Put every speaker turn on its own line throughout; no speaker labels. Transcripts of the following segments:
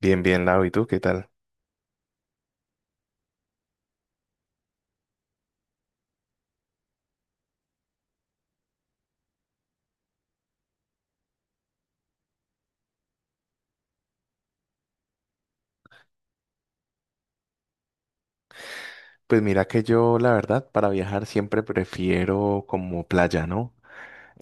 Bien, bien, Lau, ¿y tú qué tal? Pues mira que yo, la verdad, para viajar siempre prefiero como playa, ¿no?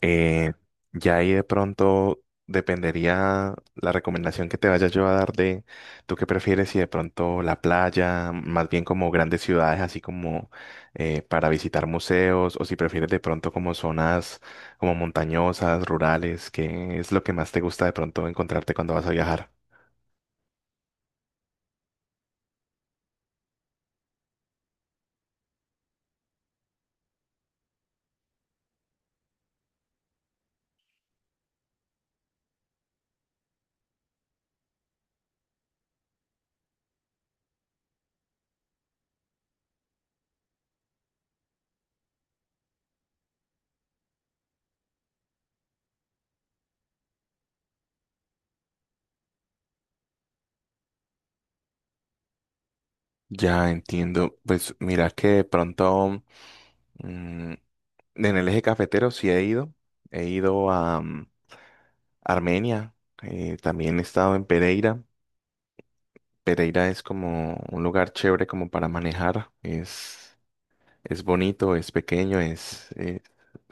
Eh, ya ahí de pronto dependería la recomendación que te vaya yo a dar de tú qué prefieres si de pronto la playa, más bien como grandes ciudades, así como para visitar museos, o si prefieres de pronto como zonas como montañosas, rurales, ¿qué es lo que más te gusta de pronto encontrarte cuando vas a viajar? Ya entiendo. Pues mira que de pronto. En el eje cafetero sí he ido. He ido a Armenia. También he estado en Pereira. Pereira es como un lugar chévere como para manejar. Es bonito, es pequeño, es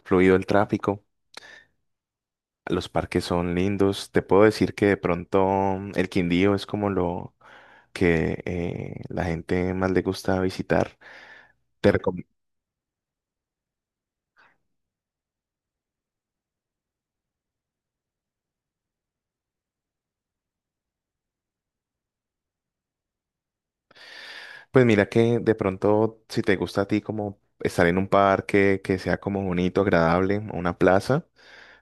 fluido el tráfico. Los parques son lindos. Te puedo decir que de pronto el Quindío es como lo que la gente más le gusta visitar. Te recom- Pues mira que de pronto, si te gusta a ti como estar en un parque que sea como bonito, agradable, o una plaza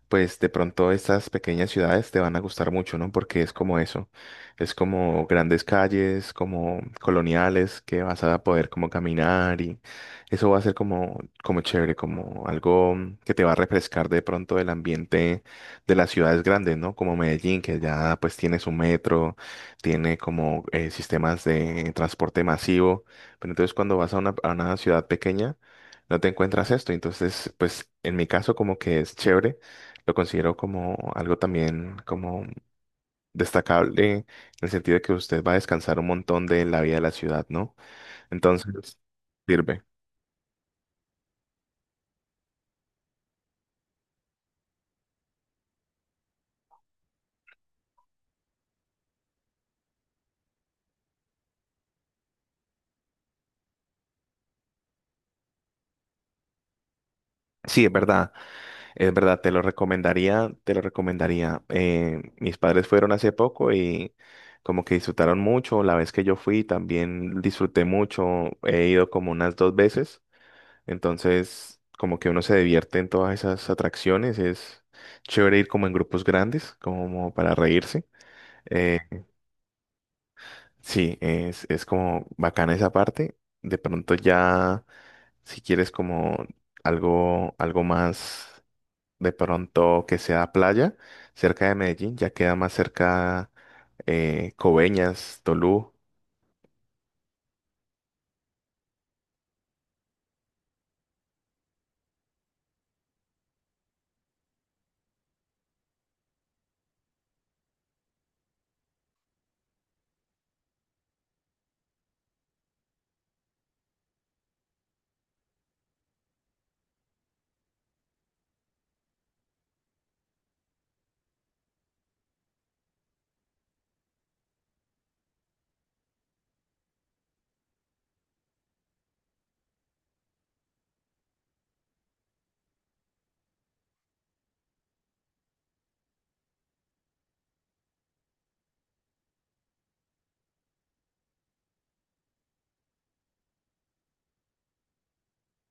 pues de pronto estas pequeñas ciudades te van a gustar mucho, ¿no? Porque es como eso, es como grandes calles, como coloniales que vas a poder como caminar y eso va a ser como, como chévere, como algo que te va a refrescar de pronto del ambiente de las ciudades grandes, ¿no? Como Medellín, que ya pues tiene su metro, tiene como sistemas de transporte masivo, pero entonces cuando vas a a una ciudad pequeña, no te encuentras esto, entonces pues en mi caso como que es chévere lo considero como algo también como destacable en el sentido de que usted va a descansar un montón de la vida de la ciudad, ¿no? Entonces, sirve. Sí, es verdad, te lo recomendaría, te lo recomendaría. Mis padres fueron hace poco y como que disfrutaron mucho. La vez que yo fui también disfruté mucho. He ido como unas dos veces. Entonces, como que uno se divierte en todas esas atracciones. Es chévere ir como en grupos grandes, como para reírse. eh, Sí, es como bacana esa parte. De pronto ya, si quieres como algo, algo más, de pronto que sea playa, cerca de Medellín, ya queda más cerca Coveñas, Tolú.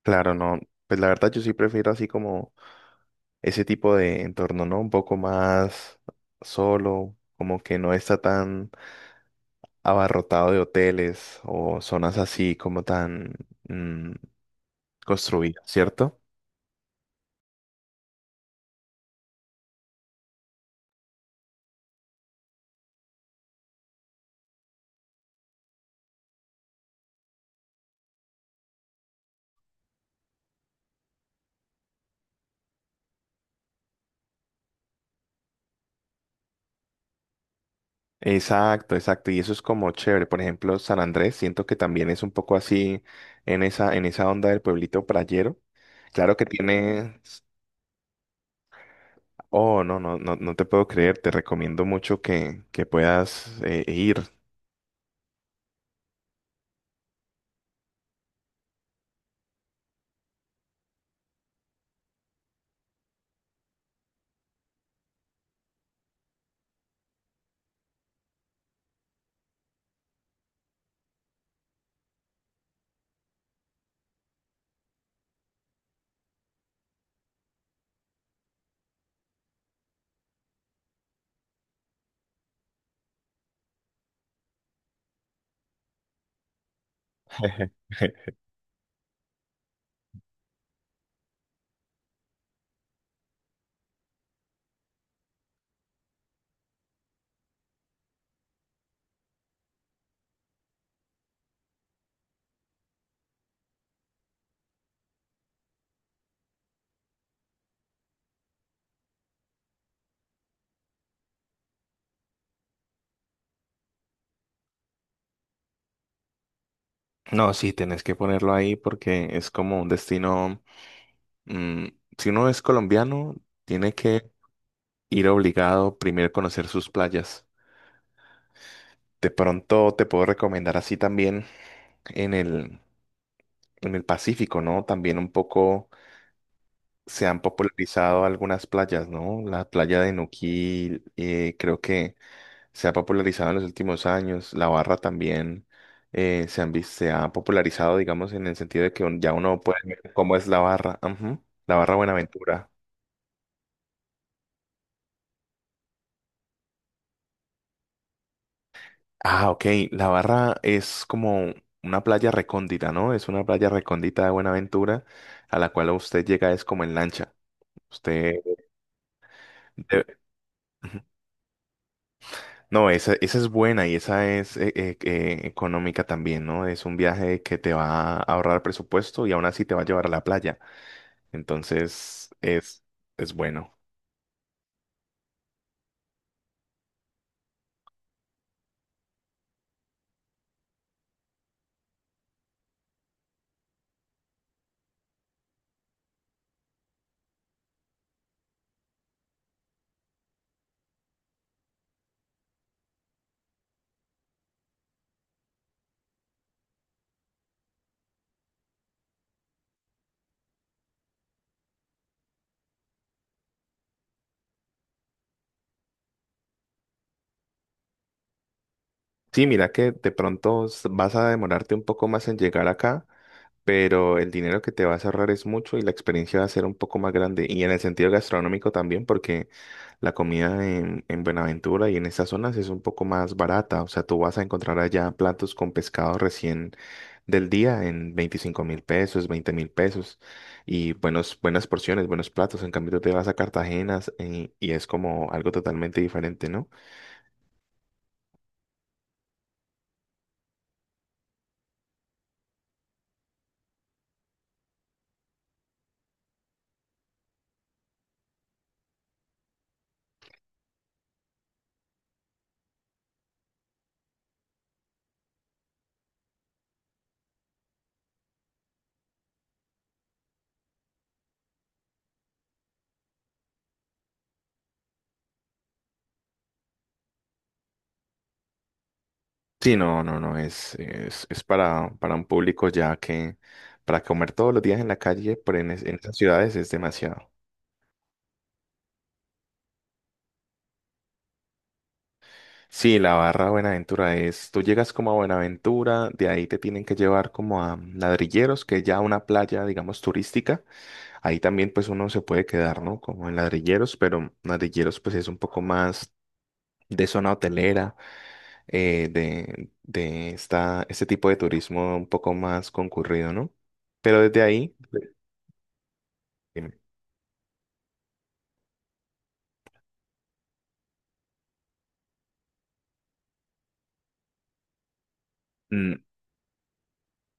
Claro, no, pues la verdad yo sí prefiero así como ese tipo de entorno, ¿no? Un poco más solo, como que no está tan abarrotado de hoteles o zonas así como tan mm, construidas, ¿cierto? Exacto, exacto. Y eso es como chévere. Por ejemplo, San Andrés, siento que también es un poco así en esa onda del pueblito playero. Claro que tiene. Oh, no, no, no, no te puedo creer. Te recomiendo mucho que puedas ir. No, sí, tenés que ponerlo ahí porque es como un destino. mm, si uno es colombiano, tiene que ir obligado primero a conocer sus playas. De pronto te puedo recomendar así también en el en el Pacífico, ¿no? También un poco se han popularizado algunas playas, ¿no? La playa de Nuquil, creo que se ha popularizado en los últimos años. La Barra también se ha popularizado, digamos, en el sentido de que ya uno puede ver cómo es la Barra. Ujú. La Barra Buenaventura. Ah, ok. La Barra es como una playa recóndita, ¿no? Es una playa recóndita de Buenaventura a la cual usted llega es como en lancha. Usted... debe- No, esa es buena y esa es económica también, ¿no? Es un viaje que te va a ahorrar presupuesto y aún así te va a llevar a la playa. Entonces, es, bueno. Sí, mira que de pronto vas a demorarte un poco más en llegar acá, pero el dinero que te vas a ahorrar es mucho y la experiencia va a ser un poco más grande. Y en el sentido gastronómico también, porque la comida en Buenaventura y en esas zonas es un poco más barata. O sea, tú vas a encontrar allá platos con pescado recién del día en 25.000 pesos, 20.000 pesos y buenos, buenas porciones, buenos platos. En cambio, tú te vas a Cartagena y es como algo totalmente diferente, ¿no? Sí, no, no, no, es para un público ya que para comer todos los días en la calle, pero en esas ciudades es demasiado. Sí, la Barra Buenaventura tú llegas como a Buenaventura, de ahí te tienen que llevar como a Ladrilleros, que es ya una playa, digamos, turística. Ahí también pues uno se puede quedar, ¿no? Como en Ladrilleros, pero Ladrilleros pues es un poco más de zona hotelera, de este tipo de turismo un poco más concurrido, ¿no? Pero desde ahí. Dime. Mm,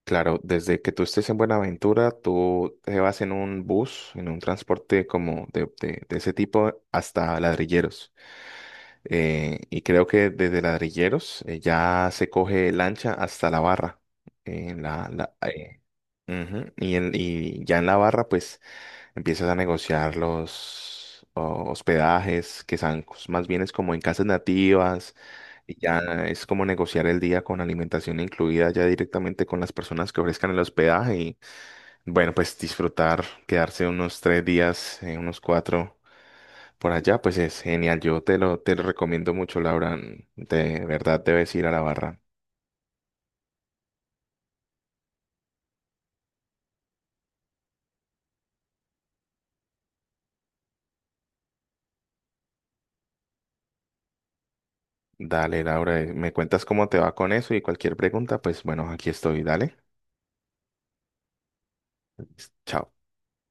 Claro, desde que tú estés en Buenaventura, tú te vas en un bus, en un transporte como de ese tipo hasta Ladrilleros. Y creo que desde Ladrilleros ya se coge lancha hasta la Barra. Eh, la, la- eh, Ujú, y ya en la Barra, pues. Empiezas a negociar los hospedajes, que más bien es como en casas nativas, y ya es como negociar el día con alimentación incluida ya directamente con las personas que ofrezcan el hospedaje y bueno, pues disfrutar, quedarse unos 3 días, unos cuatro por allá, pues es genial. Yo te lo recomiendo mucho, Laura. De verdad debes ir a la Barra. Dale, Laura, me cuentas cómo te va con eso y cualquier pregunta, pues bueno, aquí estoy, dale. Chao.